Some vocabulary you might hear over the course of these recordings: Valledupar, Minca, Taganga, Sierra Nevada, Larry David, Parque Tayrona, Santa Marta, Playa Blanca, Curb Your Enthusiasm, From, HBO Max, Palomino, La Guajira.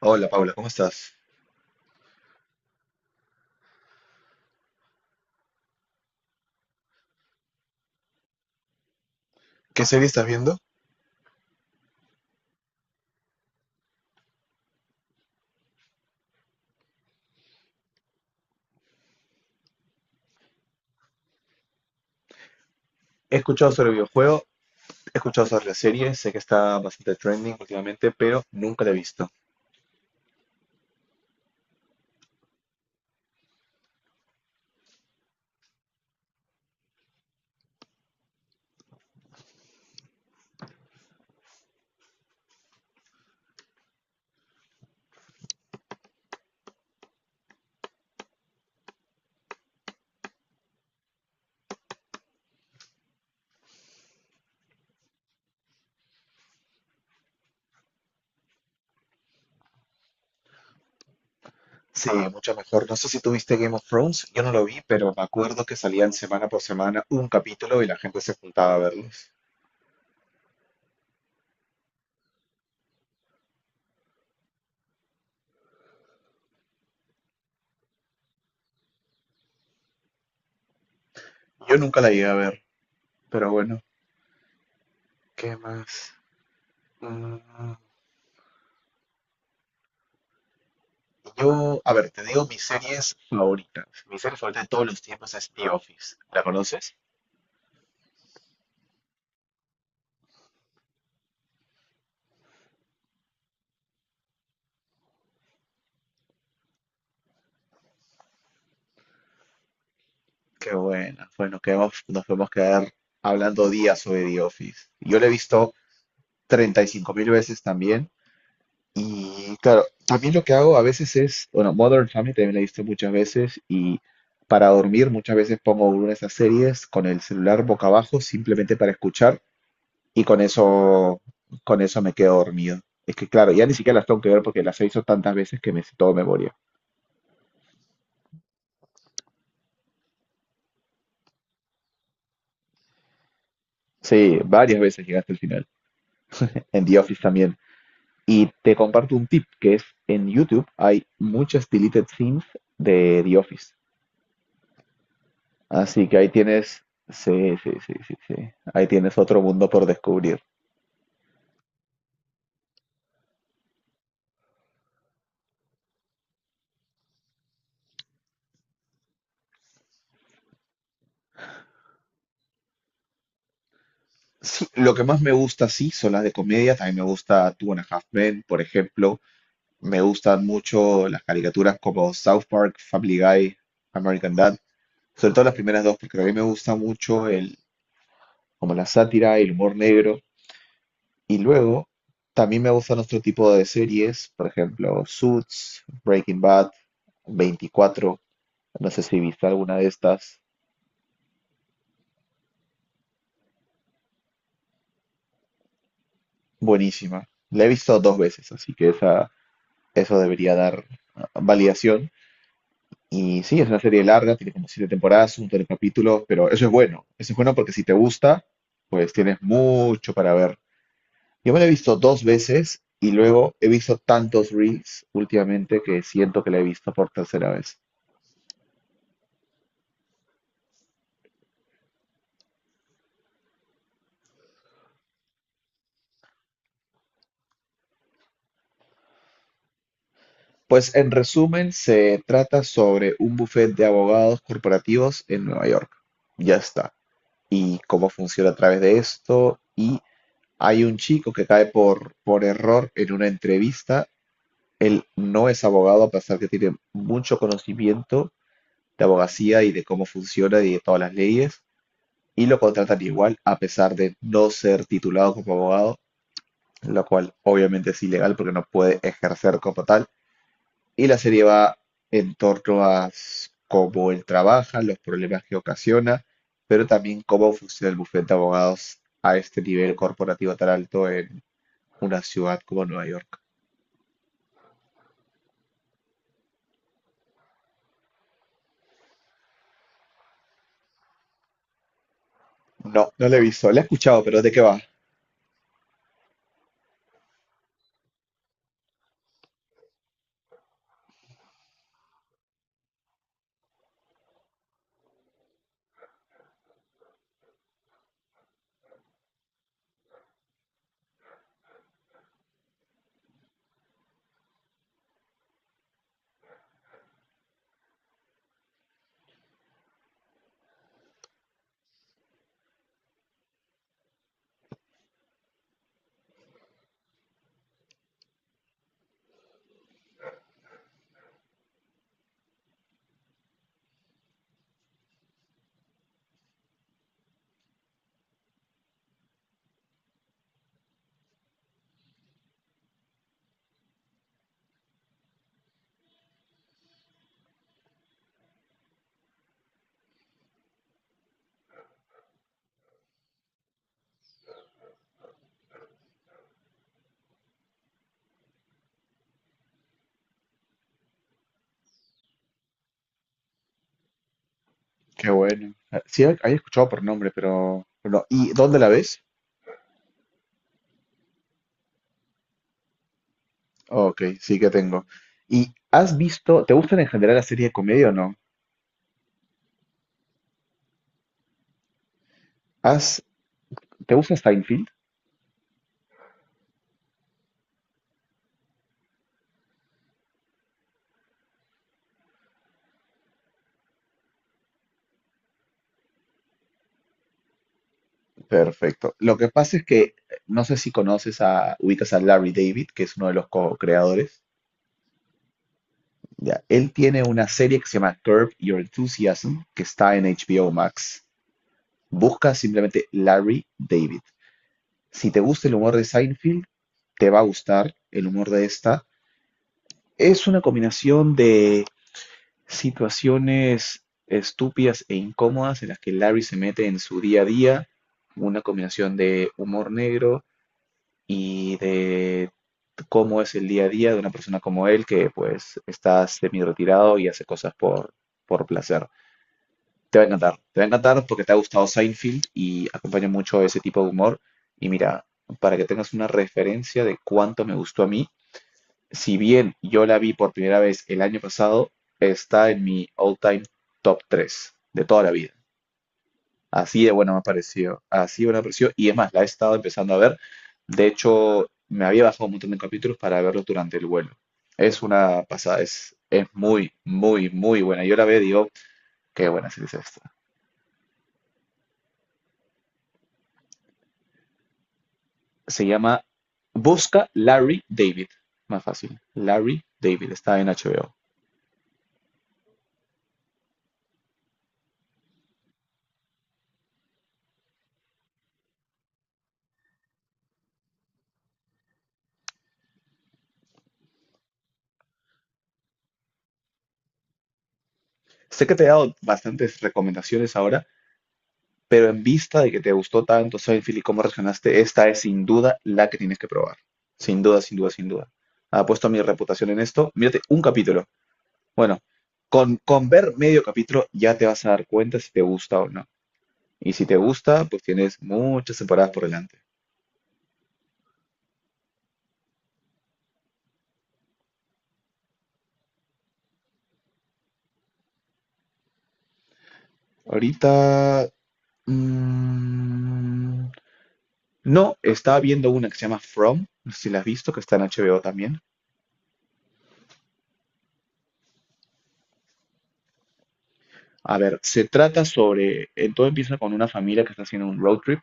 Hola Paula, ¿cómo estás? ¿Qué serie estás viendo? He escuchado sobre el videojuego, he escuchado sobre la serie, sé que está bastante trending últimamente, pero nunca la he visto. Sí, mucho mejor. No sé si tuviste Game of Thrones, yo no lo vi, pero me acuerdo que salían semana por semana un capítulo y la gente se juntaba a verlos. Yo nunca la llegué a ver, pero bueno, ¿qué más? Mm, yo, a ver, te digo mis series favoritas. Mi serie favorita de todos los tiempos es The Office. ¿La conoces? Qué bueno. Bueno, nos podemos quedar hablando días sobre The Office. Yo lo he visto 35 mil veces también. Y claro, también lo que hago a veces es, bueno, Modern Family también la he visto muchas veces y para dormir muchas veces pongo una de esas series con el celular boca abajo simplemente para escuchar y con eso me quedo dormido. Es que claro, ya ni siquiera las tengo que ver porque las he visto tantas veces que me sé todo de memoria. Sí, varias veces llegaste al final. En The Office también. Y te comparto un tip, que es en YouTube hay muchas deleted scenes de The Office. Así que ahí tienes, sí, sí, sí, sí, sí. Ahí tienes otro mundo por descubrir. Sí, lo que más me gusta, sí, son las de comedia. También me gusta Two and a Half Men, por ejemplo. Me gustan mucho las caricaturas como South Park, Family Guy, American Dad. Sobre todo las primeras dos, porque a mí me gusta mucho el, como la sátira, el humor negro. Y luego, también me gustan otro tipo de series, por ejemplo, Suits, Breaking Bad, 24. No sé si viste alguna de estas. Buenísima. La he visto dos veces, así que esa, eso debería dar validación. Y sí, es una serie larga, tiene como siete temporadas, un montón de capítulos, pero eso es bueno. Eso es bueno porque si te gusta, pues tienes mucho para ver. Yo me la he visto dos veces y luego he visto tantos reels últimamente que siento que la he visto por tercera vez. Pues en resumen, se trata sobre un bufete de abogados corporativos en Nueva York. Ya está. Y cómo funciona a través de esto. Y hay un chico que cae por error en una entrevista. Él no es abogado, a pesar que tiene mucho conocimiento de abogacía y de cómo funciona y de todas las leyes. Y lo contratan igual, a pesar de no ser titulado como abogado, lo cual obviamente es ilegal porque no puede ejercer como tal. Y la serie va en torno a cómo él trabaja, los problemas que ocasiona, pero también cómo funciona el bufete de abogados a este nivel corporativo tan alto en una ciudad como Nueva York. No, no la he visto. La he escuchado, pero ¿de qué va? Qué bueno. Ah, sí, había escuchado por nombre, pero no. ¿Y dónde la ves? Ok, sí que tengo. ¿Y has visto, te gustan en general las series de comedia o no? ¿Has, te gusta Seinfeld? Perfecto. Lo que pasa es que no sé si conoces a, ubicas a Larry David, que es uno de los co-creadores. Ya, él tiene una serie que se llama Curb Your Enthusiasm, que está en HBO Max. Busca simplemente Larry David. Si te gusta el humor de Seinfeld, te va a gustar el humor de esta. Es una combinación de situaciones estúpidas e incómodas en las que Larry se mete en su día a día, una combinación de humor negro y de cómo es el día a día de una persona como él que pues está semi retirado y hace cosas por placer. Te va a encantar, te va a encantar porque te ha gustado Seinfeld y acompaña mucho ese tipo de humor. Y mira, para que tengas una referencia de cuánto me gustó a mí, si bien yo la vi por primera vez el año pasado, está en mi all-time top 3 de toda la vida. Así de buena me ha parecido, así de buena me pareció. Y es más, la he estado empezando a ver. De hecho, me había bajado un montón de capítulos para verlos durante el vuelo. Es una pasada, es muy, muy, muy buena. Yo la veo y digo, qué buena serie es esta. Se llama Busca Larry David. Más fácil. Larry David, está en HBO. Sé que te he dado bastantes recomendaciones ahora, vista de que te gustó tanto Seinfeld y cómo reaccionaste, esta es sin duda la que tienes que probar. Sin duda, sin duda, sin duda. Apuesto a mi reputación en esto. Mírate un capítulo. Bueno, con ver medio capítulo ya te vas a dar cuenta si te gusta o no. Y si te gusta, pues tienes muchas temporadas por delante. Ahorita... mm, no, estaba viendo una que se llama From, no sé si la has visto, que está en HBO también. A ver, se trata sobre, todo empieza con una familia que está haciendo un road trip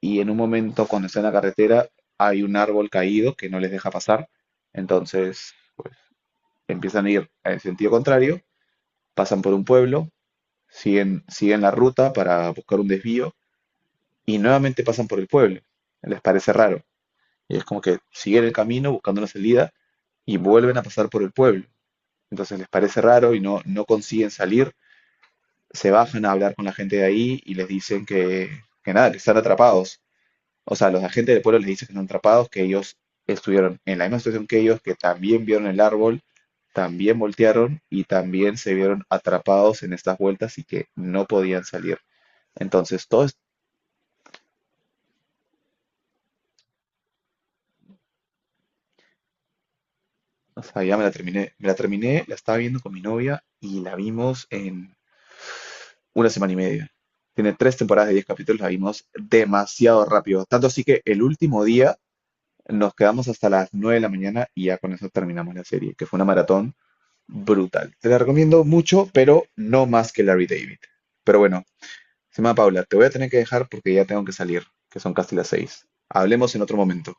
y en un momento cuando está en la carretera hay un árbol caído que no les deja pasar, entonces pues empiezan a ir en sentido contrario, pasan por un pueblo, siguen la ruta para buscar un desvío y nuevamente pasan por el pueblo. Les parece raro y es como que siguen el camino buscando una salida y vuelven a pasar por el pueblo. Entonces les parece raro y no, no consiguen salir. Se bajan a hablar con la gente de ahí y les dicen que nada, que están atrapados. O sea, los agentes del pueblo les dicen que están atrapados, que ellos estuvieron en la misma situación que ellos, que también vieron el árbol, también voltearon y también se vieron atrapados en estas vueltas y que no podían salir. Entonces, todo o sea, ya me la terminé, la estaba viendo con mi novia y la vimos en una semana y media. Tiene tres temporadas de 10 capítulos, la vimos demasiado rápido. Tanto así que el último día nos quedamos hasta las 9 de la mañana y ya con eso terminamos la serie, que fue una maratón brutal. Te la recomiendo mucho, pero no más que Larry David. Pero bueno, Sima Paula, te voy a tener que dejar porque ya tengo que salir, que son casi las 6. Hablemos en otro momento.